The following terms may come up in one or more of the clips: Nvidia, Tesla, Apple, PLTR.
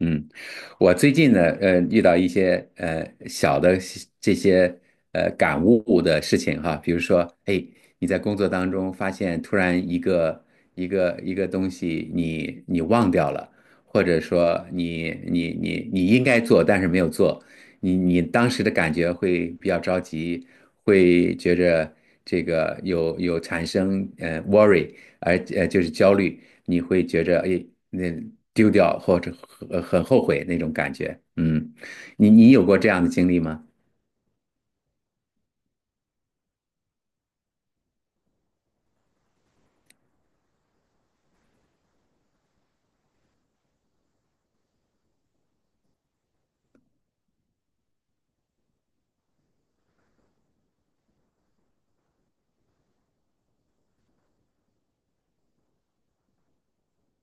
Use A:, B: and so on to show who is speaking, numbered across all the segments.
A: 嗯，我最近呢，遇到一些小的西这些感悟的事情哈。比如说，哎，你在工作当中发现突然一个东西你忘掉了，或者说你应该做但是没有做，你当时的感觉会比较着急，会觉着这个有产生worry。就是焦虑，你会觉着哎那丢掉或者很后悔那种感觉。嗯，你有过这样的经历吗？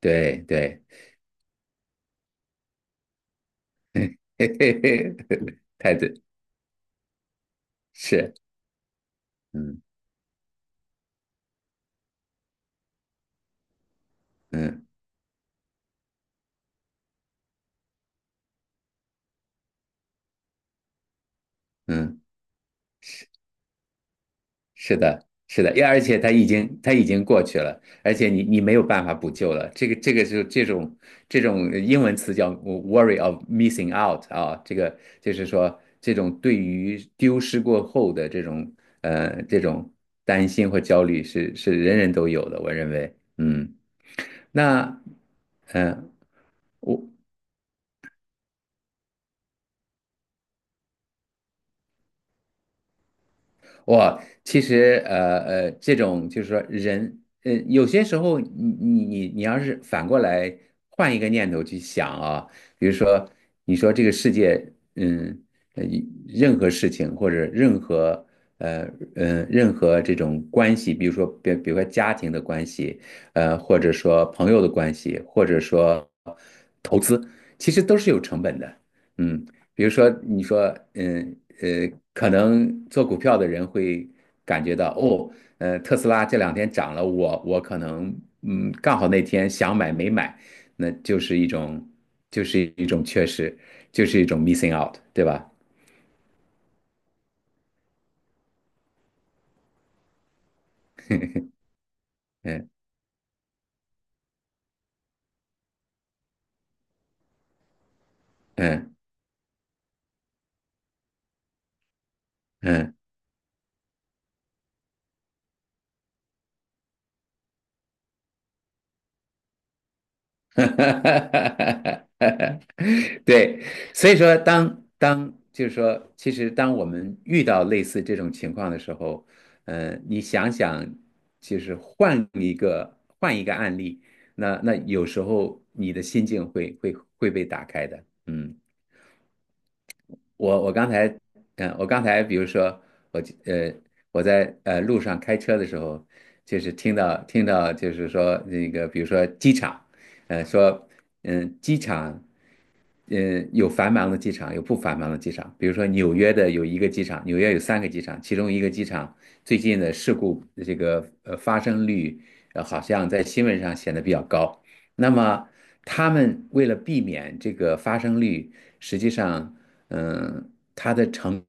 A: 对对，嘿嘿嘿，太对，是，嗯嗯嗯。是的，是的，而且它已经过去了，而且你没有办法补救了。这个是这种这种英文词叫 worry of missing out 啊。这个就是说这种对于丢失过后的这种这种担心或焦虑是人人都有的，我认为。嗯，那嗯、呃我哇，其实这种就是说人，呃，有些时候你要是反过来换一个念头去想啊。比如说你说这个世界，嗯，呃任何事情或者任何呃任何这种关系，比如说比如说家庭的关系，呃，或者说朋友的关系，或者说投资，其实都是有成本的。嗯，比如说，你说，可能做股票的人会感觉到，哦，呃，特斯拉这两天涨了，我可能，嗯，刚好那天想买没买，那就是一种，就是一种缺失，就是一种 missing out,对吧？嗯嗯嗯。哈，对，所以说当就是说，其实当我们遇到类似这种情况的时候，呃，你想想，其实换一个案例，那那有时候你的心境会会被打开的。嗯，我刚才，嗯，我刚才比如说我呃我在路上开车的时候，就是听到就是说那个比如说机场，呃说嗯机场。嗯，有繁忙的机场，有不繁忙的机场。比如说纽约的有一个机场，纽约有三个机场，其中一个机场最近的事故这个发生率，呃好像在新闻上显得比较高。那么他们为了避免这个发生率，实际上，它的成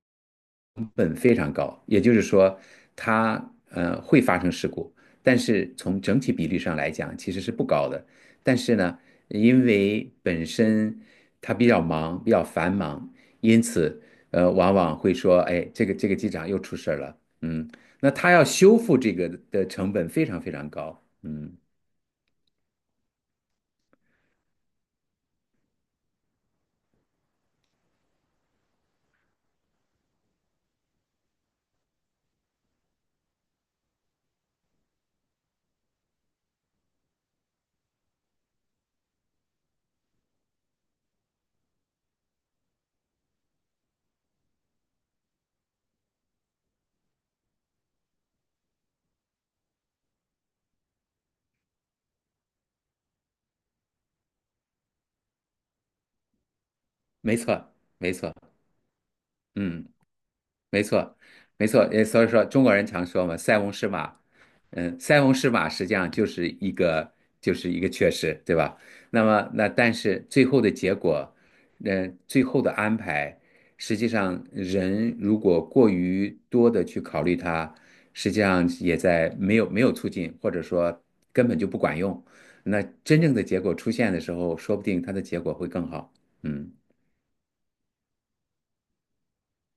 A: 本非常高，也就是说，它会发生事故，但是从整体比率上来讲，其实是不高的。但是呢，因为本身他比较忙，比较繁忙，因此呃，往往会说，哎，这个机长又出事儿了。嗯，那他要修复这个的成本非常非常高。嗯，没错，没错，嗯。没错，没错，也所以说中国人常说嘛，"塞翁失马"。嗯，"塞翁失马"实际上就是一个缺失，对吧？那么但是最后的结果，最后的安排，实际上人如果过于多的去考虑它，实际上也在没有促进，或者说根本就不管用。那真正的结果出现的时候，说不定它的结果会更好。嗯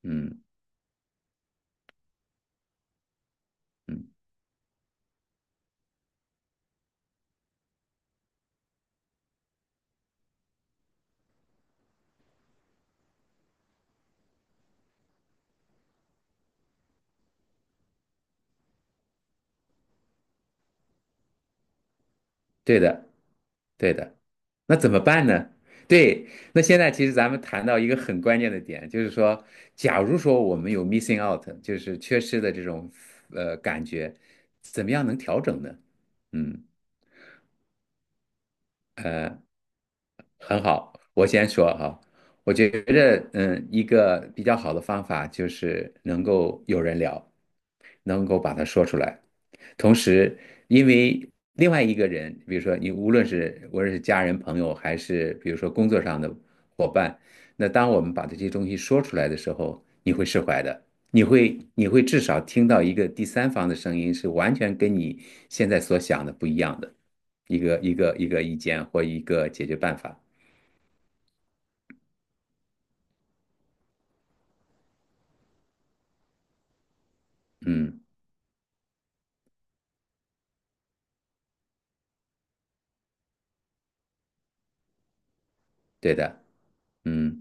A: 嗯嗯。对的，对的。那怎么办呢？对，那现在其实咱们谈到一个很关键的点，就是说，假如说我们有 missing out,就是缺失的这种感觉，怎么样能调整呢？嗯。呃。很好，我先说哈。我觉着，嗯，一个比较好的方法就是能够有人聊，能够把它说出来。同时，因为另外一个人，比如说你无论是家人、朋友，还是比如说工作上的伙伴，那当我们把这些东西说出来的时候，你会释怀的，你会至少听到一个第三方的声音，是完全跟你现在所想的不一样的一个意见或一个解决办法。嗯，对的。嗯，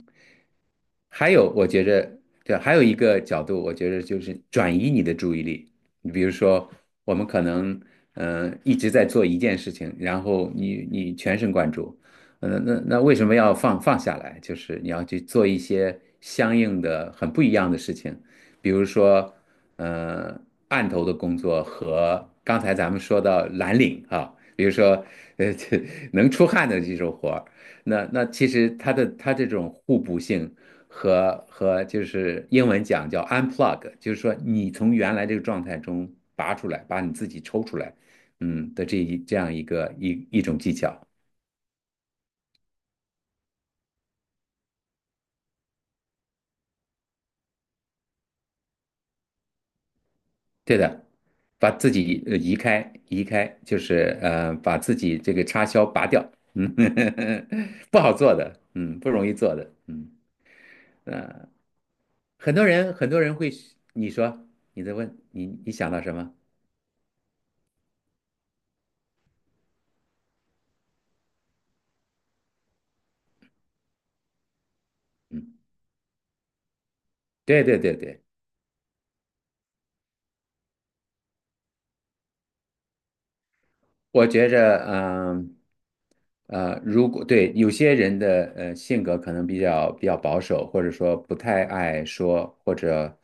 A: 还有，我觉着，对，还有一个角度，我觉着就是转移你的注意力。你比如说，我们可能，一直在做一件事情，然后你全神贯注。那那为什么要放下来？就是你要去做一些相应的很不一样的事情。比如说，呃，案头的工作和刚才咱们说到蓝领啊，比如说，呃，能出汗的这种活。那那其实它这种互补性和就是英文讲叫 unplug,就是说你从原来这个状态中拔出来，把你自己抽出来。这这样一个一种技巧。对的，把自己移开移开，就是把自己这个插销拔掉。嗯，不好做的，嗯，不容易做的。嗯，很多人会，你说你在问你你想到什么？对对对对。我觉着，呃，如果对有些人的性格可能比较保守，或者说不太爱说，或者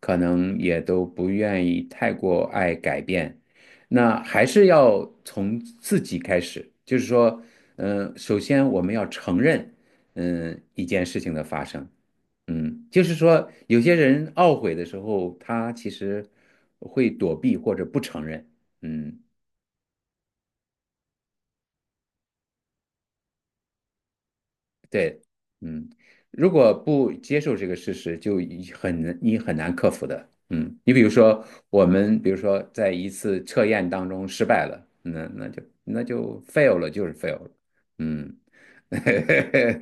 A: 可能也都不愿意太过爱改变，那还是要从自己开始，就是说，首先我们要承认,一件事情的发生。嗯，就是说有些人懊悔的时候，他其实会躲避或者不承认。嗯。对，嗯，如果不接受这个事实，就很难，你很难克服的。嗯，你比如说，我们比如说在一次测验当中失败了，那那就 fail 了，就是 fail 了。嗯，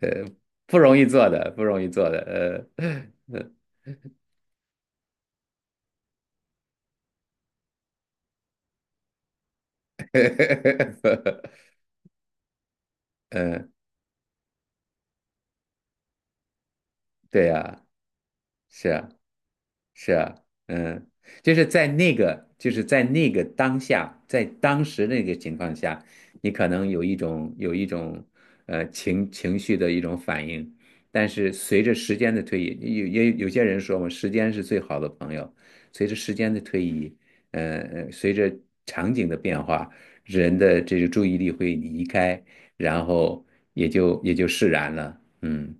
A: 呃，不容易做的，不容易做的。呃，呃，呃，对呀，是啊。是啊，嗯，就是在那个，就是在那个当下，在当时那个情况下，你可能有一种有一种情绪的一种反应，但是随着时间的推移，也有些人说嘛，时间是最好的朋友。随着时间的推移，随着场景的变化，人的这个注意力会离开，然后也就释然了。嗯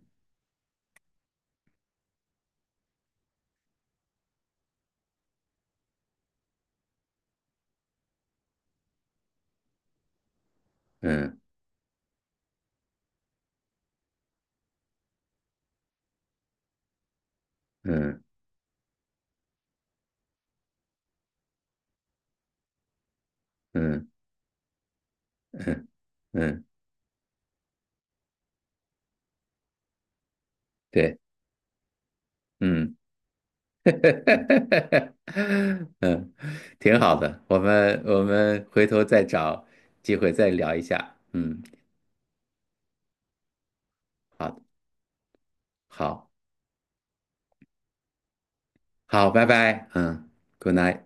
A: 嗯嗯嗯嗯嗯，对，嗯。嗯，挺好的，我们回头再找机会再聊一下。嗯，好，好，好，拜拜。嗯，good night。